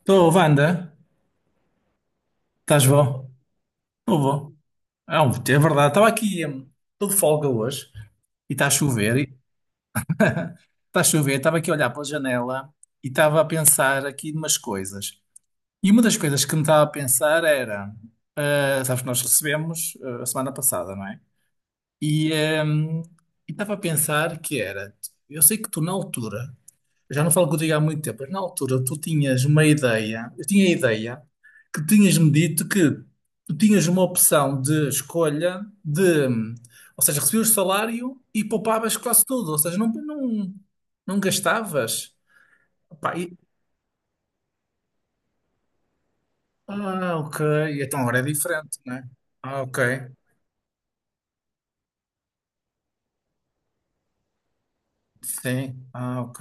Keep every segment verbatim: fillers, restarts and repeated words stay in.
Estou, Wanda, estás bom? Estou bom. É, um- é verdade, estava aqui, hum, estou de folga hoje e está a chover, e está a chover, estava aqui a olhar pela janela e estava a pensar aqui em umas coisas. E uma das coisas que me estava a pensar era, ah, sabes que nós recebemos ah, a semana passada, não é? E hum, e estava a pensar que era, eu sei que tu na altura já não falo contigo há muito tempo, mas na altura tu tinhas uma ideia, eu tinha a ideia que tinhas-me dito que tu tinhas uma opção de escolha de, ou seja, recebias o salário e poupavas quase tudo, ou seja, não, não, não gastavas. Pá, e- ah, ok, então agora é diferente, não é? Ah, ok, sim, ah, ok,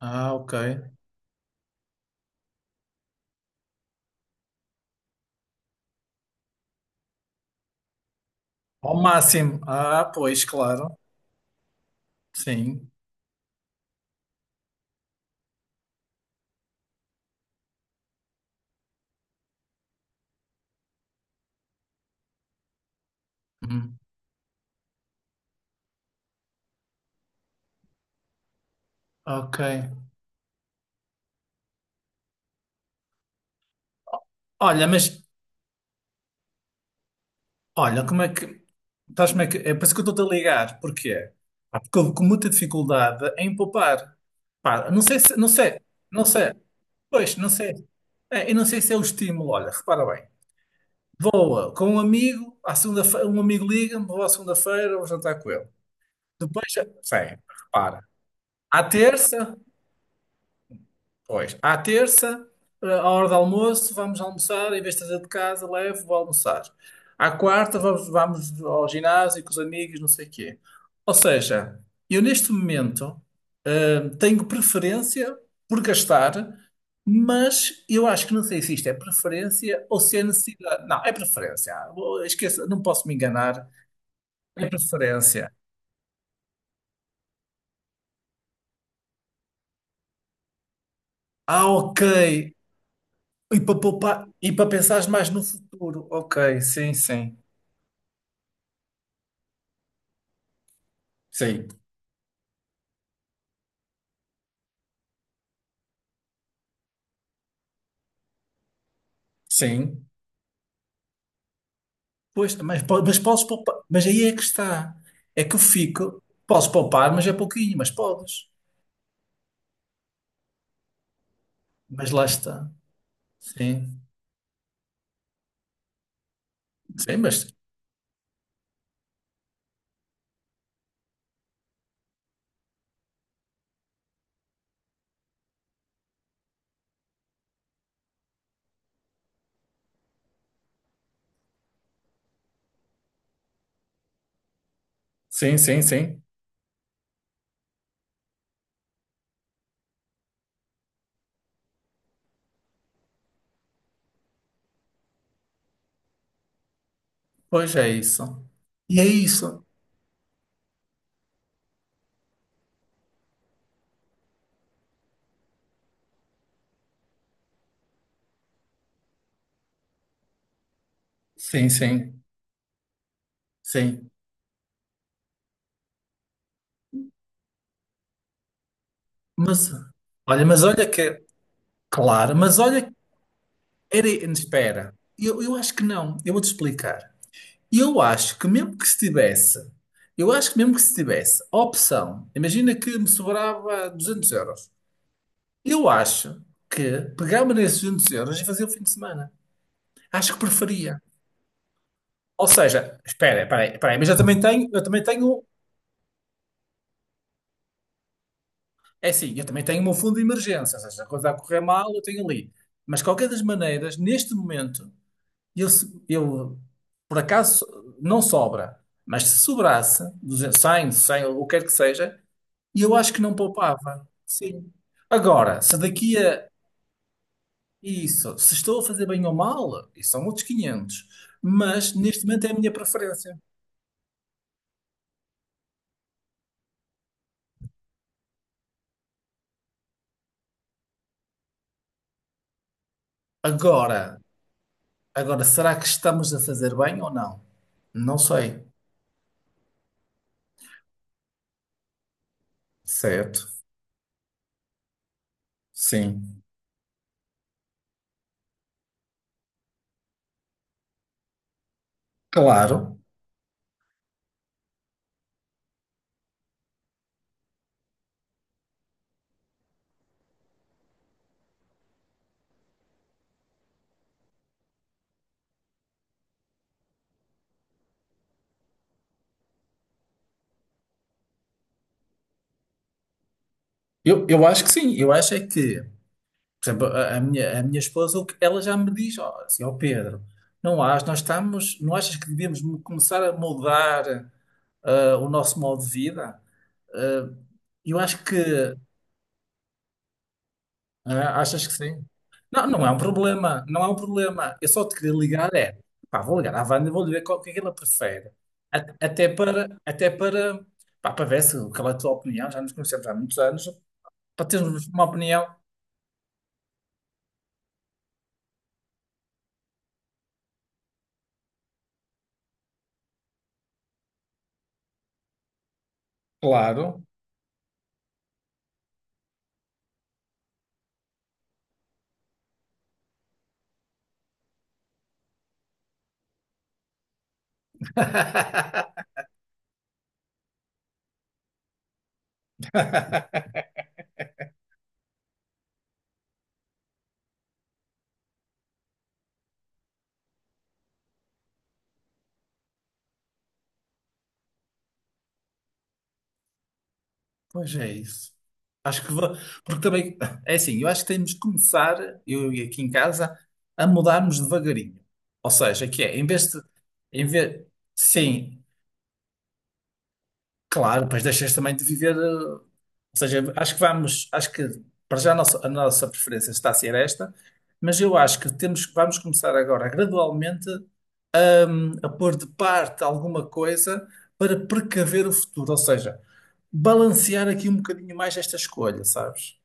ah, ok. Ao máximo, ah, pois, claro, sim, Hum, ok. Olha, mas Olha, como é que. Estás como é que. É por isso que eu estou-te a ligar. Porquê? Pá, porque eu com muita dificuldade em poupar. Pá, não sei se. Não sei. Não sei. Pois, não sei. É, eu não sei se é o estímulo. Olha, repara bem. Vou uh, com um amigo, à segunda-feira, um amigo liga-me, vou à segunda-feira, vou jantar com ele. Depois, sim, repara. À terça, Pois, à terça, eh, à hora do almoço, vamos almoçar. Em vez de trazer de casa, levo, vou almoçar. À quarta, vamos, vamos ao ginásio com os amigos, não sei o quê. Ou seja, eu neste momento hum, tenho preferência por gastar, mas eu acho que não sei se isto é preferência ou se é necessidade. Não, é preferência. Ah, vou- Esqueça, não posso me enganar. É preferência. Ah, ok. E para poupar, e para pensar mais no futuro. Ok, sim, sim. Sim, sim. Pois, mas, po- mas podes poupar. Mas aí é que está. É que eu fico. Posso poupar, mas é pouquinho, mas podes. Mas lá está. Sim. Sim, mas. Sim, sim, sim. Pois é isso. E é isso. Sim, sim, sim. Mas olha, mas olha que. É Claro, mas olha era. Espera. Eu, eu acho que não. Eu vou-te explicar. Eu acho que mesmo que se tivesse. Eu acho que mesmo que se tivesse a opção, imagina que me sobrava duzentos euros. Eu acho que pegava nesses duzentos euros e fazia o fim de semana. Acho que preferia. Ou seja, espera, espera aí, espera aí, mas eu também tenho, eu também tenho, é assim, eu também tenho o meu fundo de emergência, ou seja, se a coisa a correr mal, eu tenho ali. Mas, de qualquer das maneiras, neste momento, eu, se- eu por acaso, não sobra, mas se sobrasse, duzentos, cem, cem, ou o que quer que seja, eu acho que não poupava. Sim. Agora, se daqui a Isso. Se estou a fazer bem ou mal, isso são outros quinhentos. Mas neste momento é a minha preferência. Agora, agora, será que estamos a fazer bem ou não? Não sei. Certo. Sim. Claro. Eu, eu acho que sim. Eu acho é que, por exemplo, a, a minha, a minha esposa, o que- ela já me diz, ó, assim, ó Pedro, não acho, nós estamos, não achas que devíamos mu- começar a mudar ah, o nosso modo de vida? Ah, eu acho que Ah, achas que sim? Não, não é um problema, não é um problema. Eu só te queria ligar, é, pá, vou ligar à Wanda e vou lhe ver qual, o que é que ela prefere. A- Até para, até para, pá, para ver se, qual é a tua opinião, já nos conhecemos há muitos anos, para termos uma opinião. Claro. Pois é isso. Acho que vou, porque também, é assim, eu acho que temos que começar, eu e aqui em casa, a mudarmos devagarinho. Ou seja, que é, em vez de, em vez, sim, claro, depois deixas também de viver. eh, Ou seja, acho que vamos, acho que para já a nossa, a nossa preferência está a ser esta, mas eu acho que temos, vamos começar agora gradualmente a pôr de parte alguma coisa para precaver o futuro, ou seja, balancear aqui um bocadinho mais esta escolha, sabes?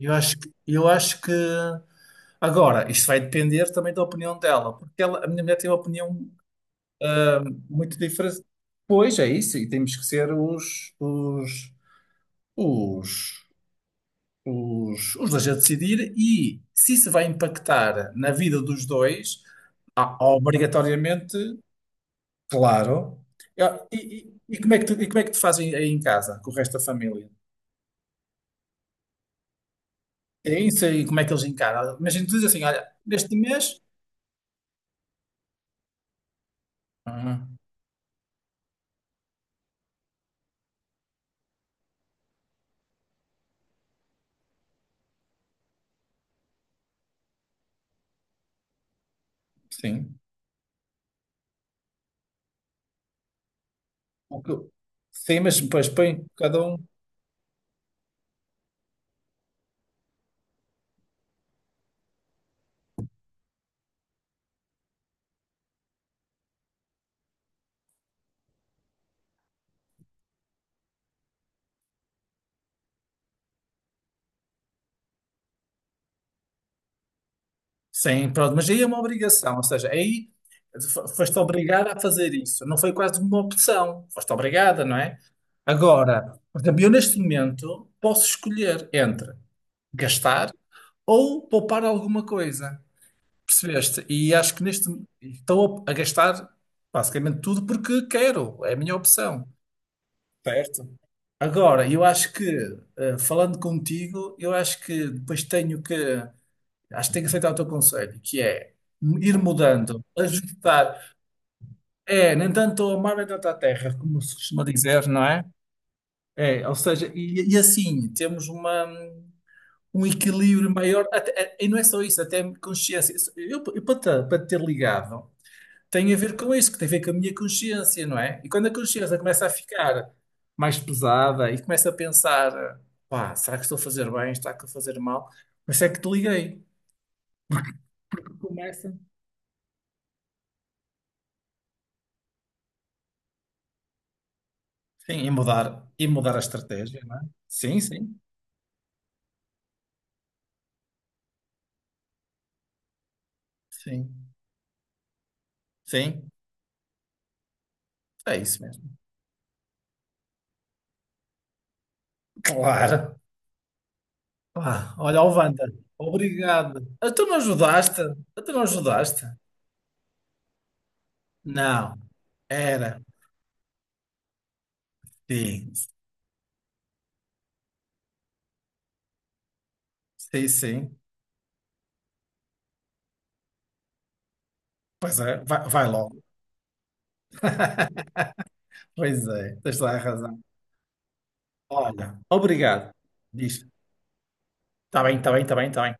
Eu acho que, eu acho que agora isto vai depender também da opinião dela, porque ela, a minha mulher tem uma opinião muito diferente. Pois é isso, e temos que ser os, os, os os, os dois a decidir e se isso vai impactar na vida dos dois, ah, obrigatoriamente, claro. Eu- E, e- e Como é que tu, e como é que tu fazem aí em casa, com o resto da família? É isso aí, como é que eles encaram? Imagina, tu dizes assim, olha, neste mês, ah, sim. O que- sim, mas depois põe cada um. Sim, pronto, mas aí é uma obrigação, ou seja, aí fo- foste obrigada a fazer isso, não foi quase uma opção, foste obrigada, não é? Agora, por exemplo, eu neste momento posso escolher entre gastar ou poupar alguma coisa, percebeste? E acho que neste estou a gastar basicamente tudo porque quero, é a minha opção, certo? Agora, eu acho que, eh, falando contigo, eu acho que depois tenho que. Acho que tenho que aceitar o teu conselho, que é ir mudando, ajustar. É, nem tanto ao mar, nem tanto à terra, como se costuma dizer, não é? É, ou seja, e, e assim temos uma, um equilíbrio maior, até- é, e não é só isso, até consciência. Eu, eu para te, para te ter ligado, tem a ver com isso, que tem a ver com a minha consciência, não é? E quando a consciência começa a ficar mais pesada e começa a pensar, pá, será que estou a fazer bem, será que estou a fazer mal? Por isso é que te liguei. Começa. Sim, e mudar, e mudar a estratégia, não é? Sim, sim, sim, sim, é isso mesmo. Claro. Ah, olha, ó Wanda, obrigado. Ah, tu não ajudaste? Ah, tu não ajudaste? Não, era. Sim, sim, sim. Pois é, vai, vai logo. Pois é, tens toda a razão. Olha, obrigado. Diz. Está bem, está bem, está bem, está bem.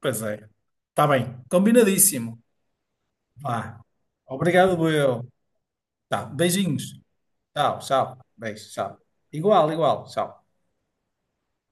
Pois é. Está bem, combinadíssimo. Vá. Obrigado, eu. Tá, beijinhos. Ciao, ciao. Beijo, ciao. Igual, igual, ciao.